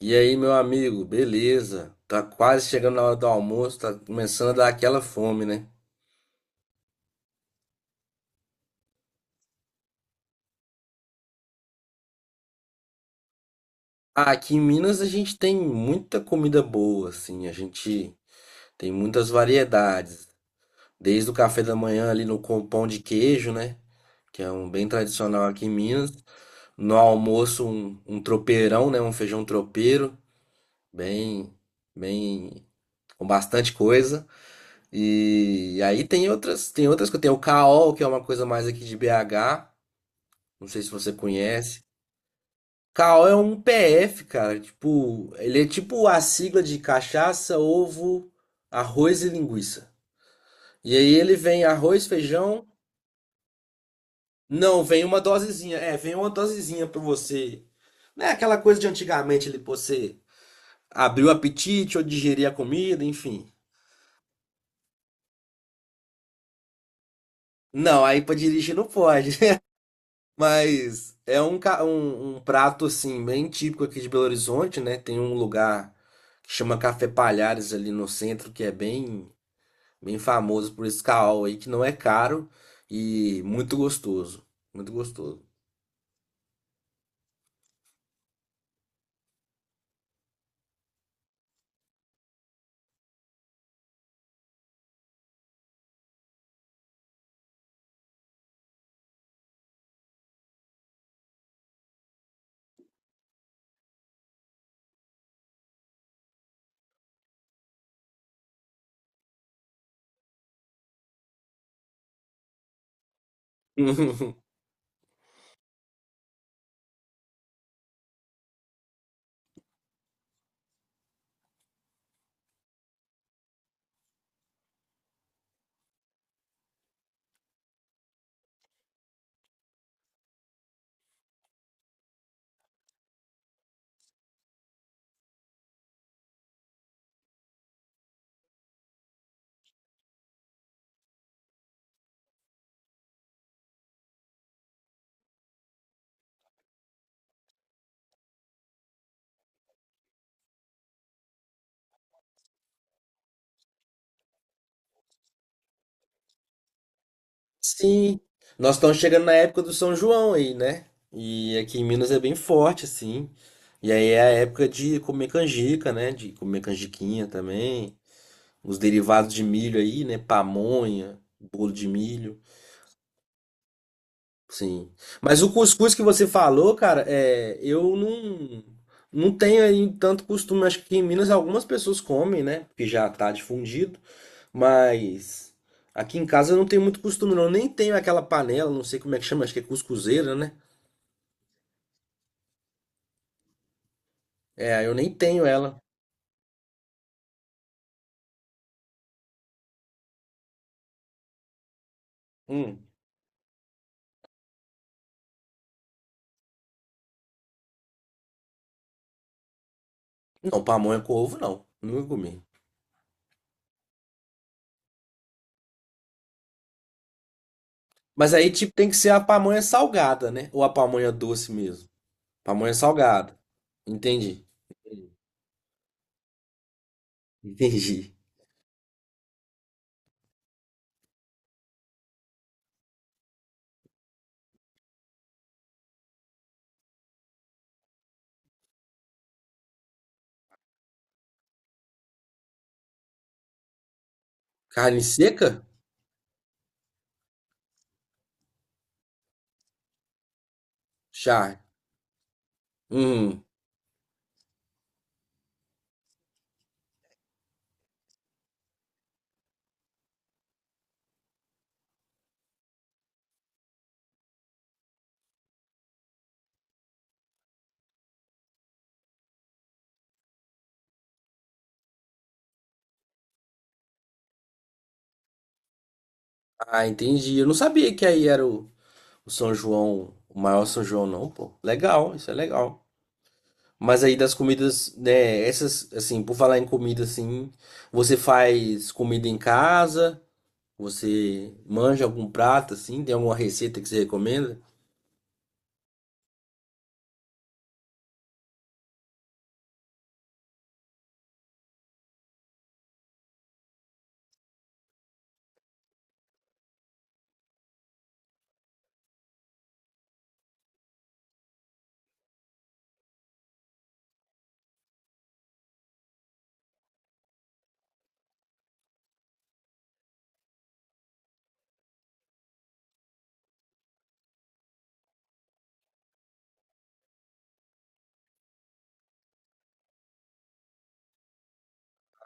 E aí, meu amigo, beleza? Tá quase chegando na hora do almoço, tá começando a dar aquela fome, né? Aqui em Minas a gente tem muita comida boa, assim, a gente tem muitas variedades. Desde o café da manhã ali no com pão de queijo, né? Que é um bem tradicional aqui em Minas. No almoço, um tropeirão, né? Um feijão tropeiro, bem, bem, com bastante coisa. E aí tem outras que tem o caol, que é uma coisa mais aqui de BH. Não sei se você conhece. Cal é um PF, cara. Tipo, ele é tipo a sigla de cachaça, ovo, arroz e linguiça. E aí ele vem arroz, feijão. Não, vem uma dosezinha. É, vem uma dosezinha pra você. Não é aquela coisa de antigamente, ele, pô, você abrir o apetite ou digerir a comida, enfim. Não, aí pra dirigir não pode. Mas é um prato assim bem típico aqui de Belo Horizonte, né? Tem um lugar que chama Café Palhares ali no centro, que é bem bem famoso por esse caol aí, que não é caro e muito gostoso, muito gostoso. Sim, nós estamos chegando na época do São João aí, né? E aqui em Minas é bem forte assim. E aí é a época de comer canjica, né? De comer canjiquinha também. Os derivados de milho aí, né? Pamonha, bolo de milho, sim. Mas o cuscuz que você falou, cara, é, eu não, não tenho aí tanto costume. Acho que em Minas algumas pessoas comem, né? Porque já tá difundido, mas aqui em casa eu não tenho muito costume, não. Eu nem tenho aquela panela, não sei como é que chama, acho que é cuscuzeira, né? É, eu nem tenho ela. Hum. Não, pamonha com ovo, não. Nunca comi. Mas aí, tipo, tem que ser a pamonha salgada, né? Ou a pamonha doce mesmo. Pamonha salgada. Entendi. Entendi. Carne seca? Char. Hum. Ah, entendi. Eu não sabia que aí era o São João, o maior São João, não, pô. Legal, isso é legal. Mas aí das comidas, né, essas, assim, por falar em comida, assim, você faz comida em casa? Você manja algum prato, assim? Tem alguma receita que você recomenda?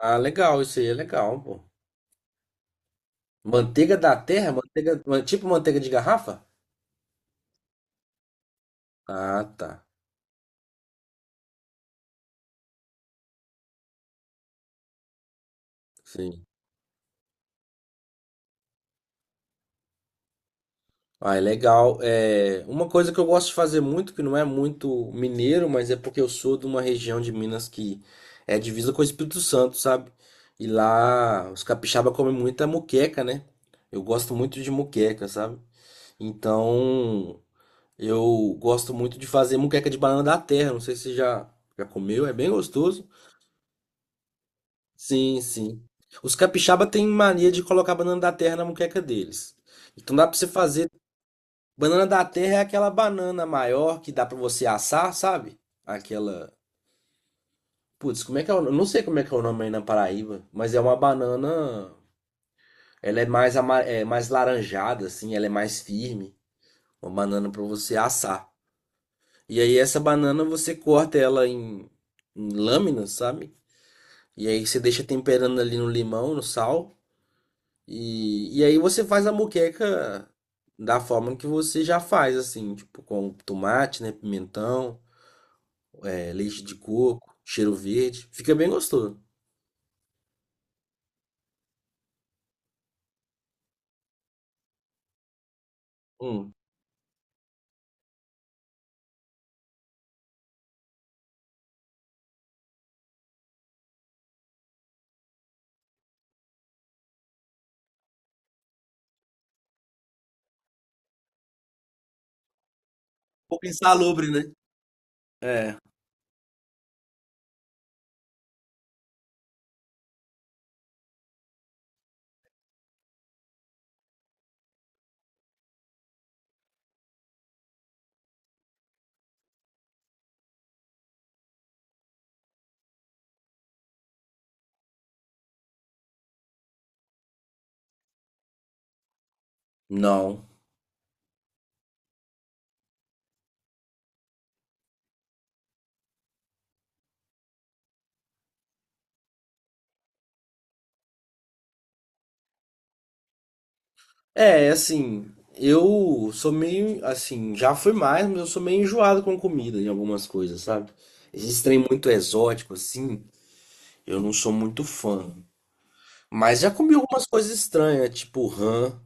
Ah, legal, isso aí é legal, pô. Manteiga da terra? Tipo manteiga de garrafa? Ah, tá. Sim. Ah, é legal. É, uma coisa que eu gosto de fazer muito, que não é muito mineiro, mas é porque eu sou de uma região de Minas que é divisa com o Espírito Santo, sabe? E lá os capixaba comem muita moqueca, né? Eu gosto muito de moqueca, sabe? Então, eu gosto muito de fazer moqueca de banana da terra. Não sei se já comeu, é bem gostoso. Sim, sim. Os capixaba têm mania de colocar banana da terra na moqueca deles. Então dá pra você fazer. Banana da terra é aquela banana maior que dá pra você assar, sabe? Aquela. Putz, como é que é o... Eu não sei como é que é o nome aí na Paraíba, mas é uma banana. Ela é mais, ama... é mais laranjada, assim, ela é mais firme. Uma banana pra você assar. E aí, essa banana você corta em lâminas, sabe? E aí você deixa temperando ali no limão, no sal. E aí você faz a moqueca da forma que você já faz, assim, tipo, com tomate, né? Pimentão, é, leite de coco, cheiro verde. Fica bem gostoso. Hum. Um pouco insalubre, né? É. Não. É, assim, eu sou meio, assim, já fui mais, mas eu sou meio enjoado com comida em algumas coisas, sabe? Esses trem muito exótico, assim, eu não sou muito fã. Mas já comi algumas coisas estranhas, tipo rã,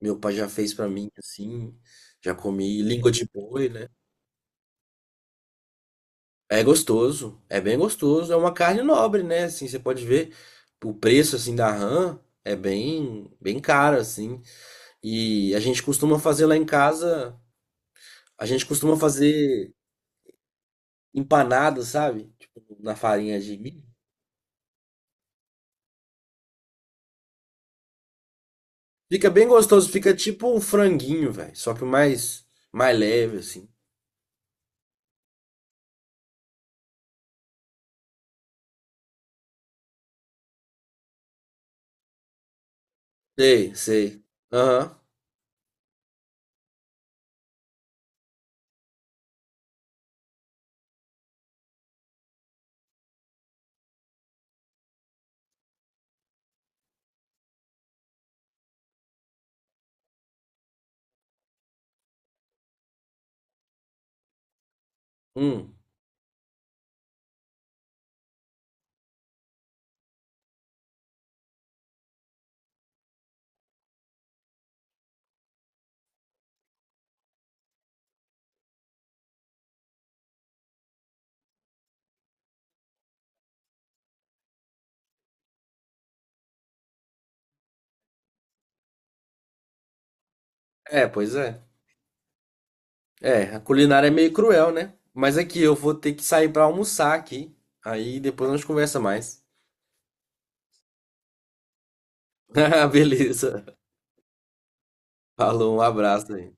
meu pai já fez pra mim, assim. Já comi língua de boi, né? É gostoso, é bem gostoso, é uma carne nobre, né? Assim, você pode ver o preço assim da rã é bem, bem caro assim. E a gente costuma fazer lá em casa, a gente costuma fazer empanado, sabe? Tipo, na farinha de milho. Fica bem gostoso, fica tipo um franguinho, velho, só que mais mais leve assim. Sei, sei. Aham. Hum. É, pois é. É, a culinária é meio cruel, né? Mas aqui eu vou ter que sair pra almoçar aqui. Aí depois a gente conversa mais. Beleza. Falou, um abraço aí.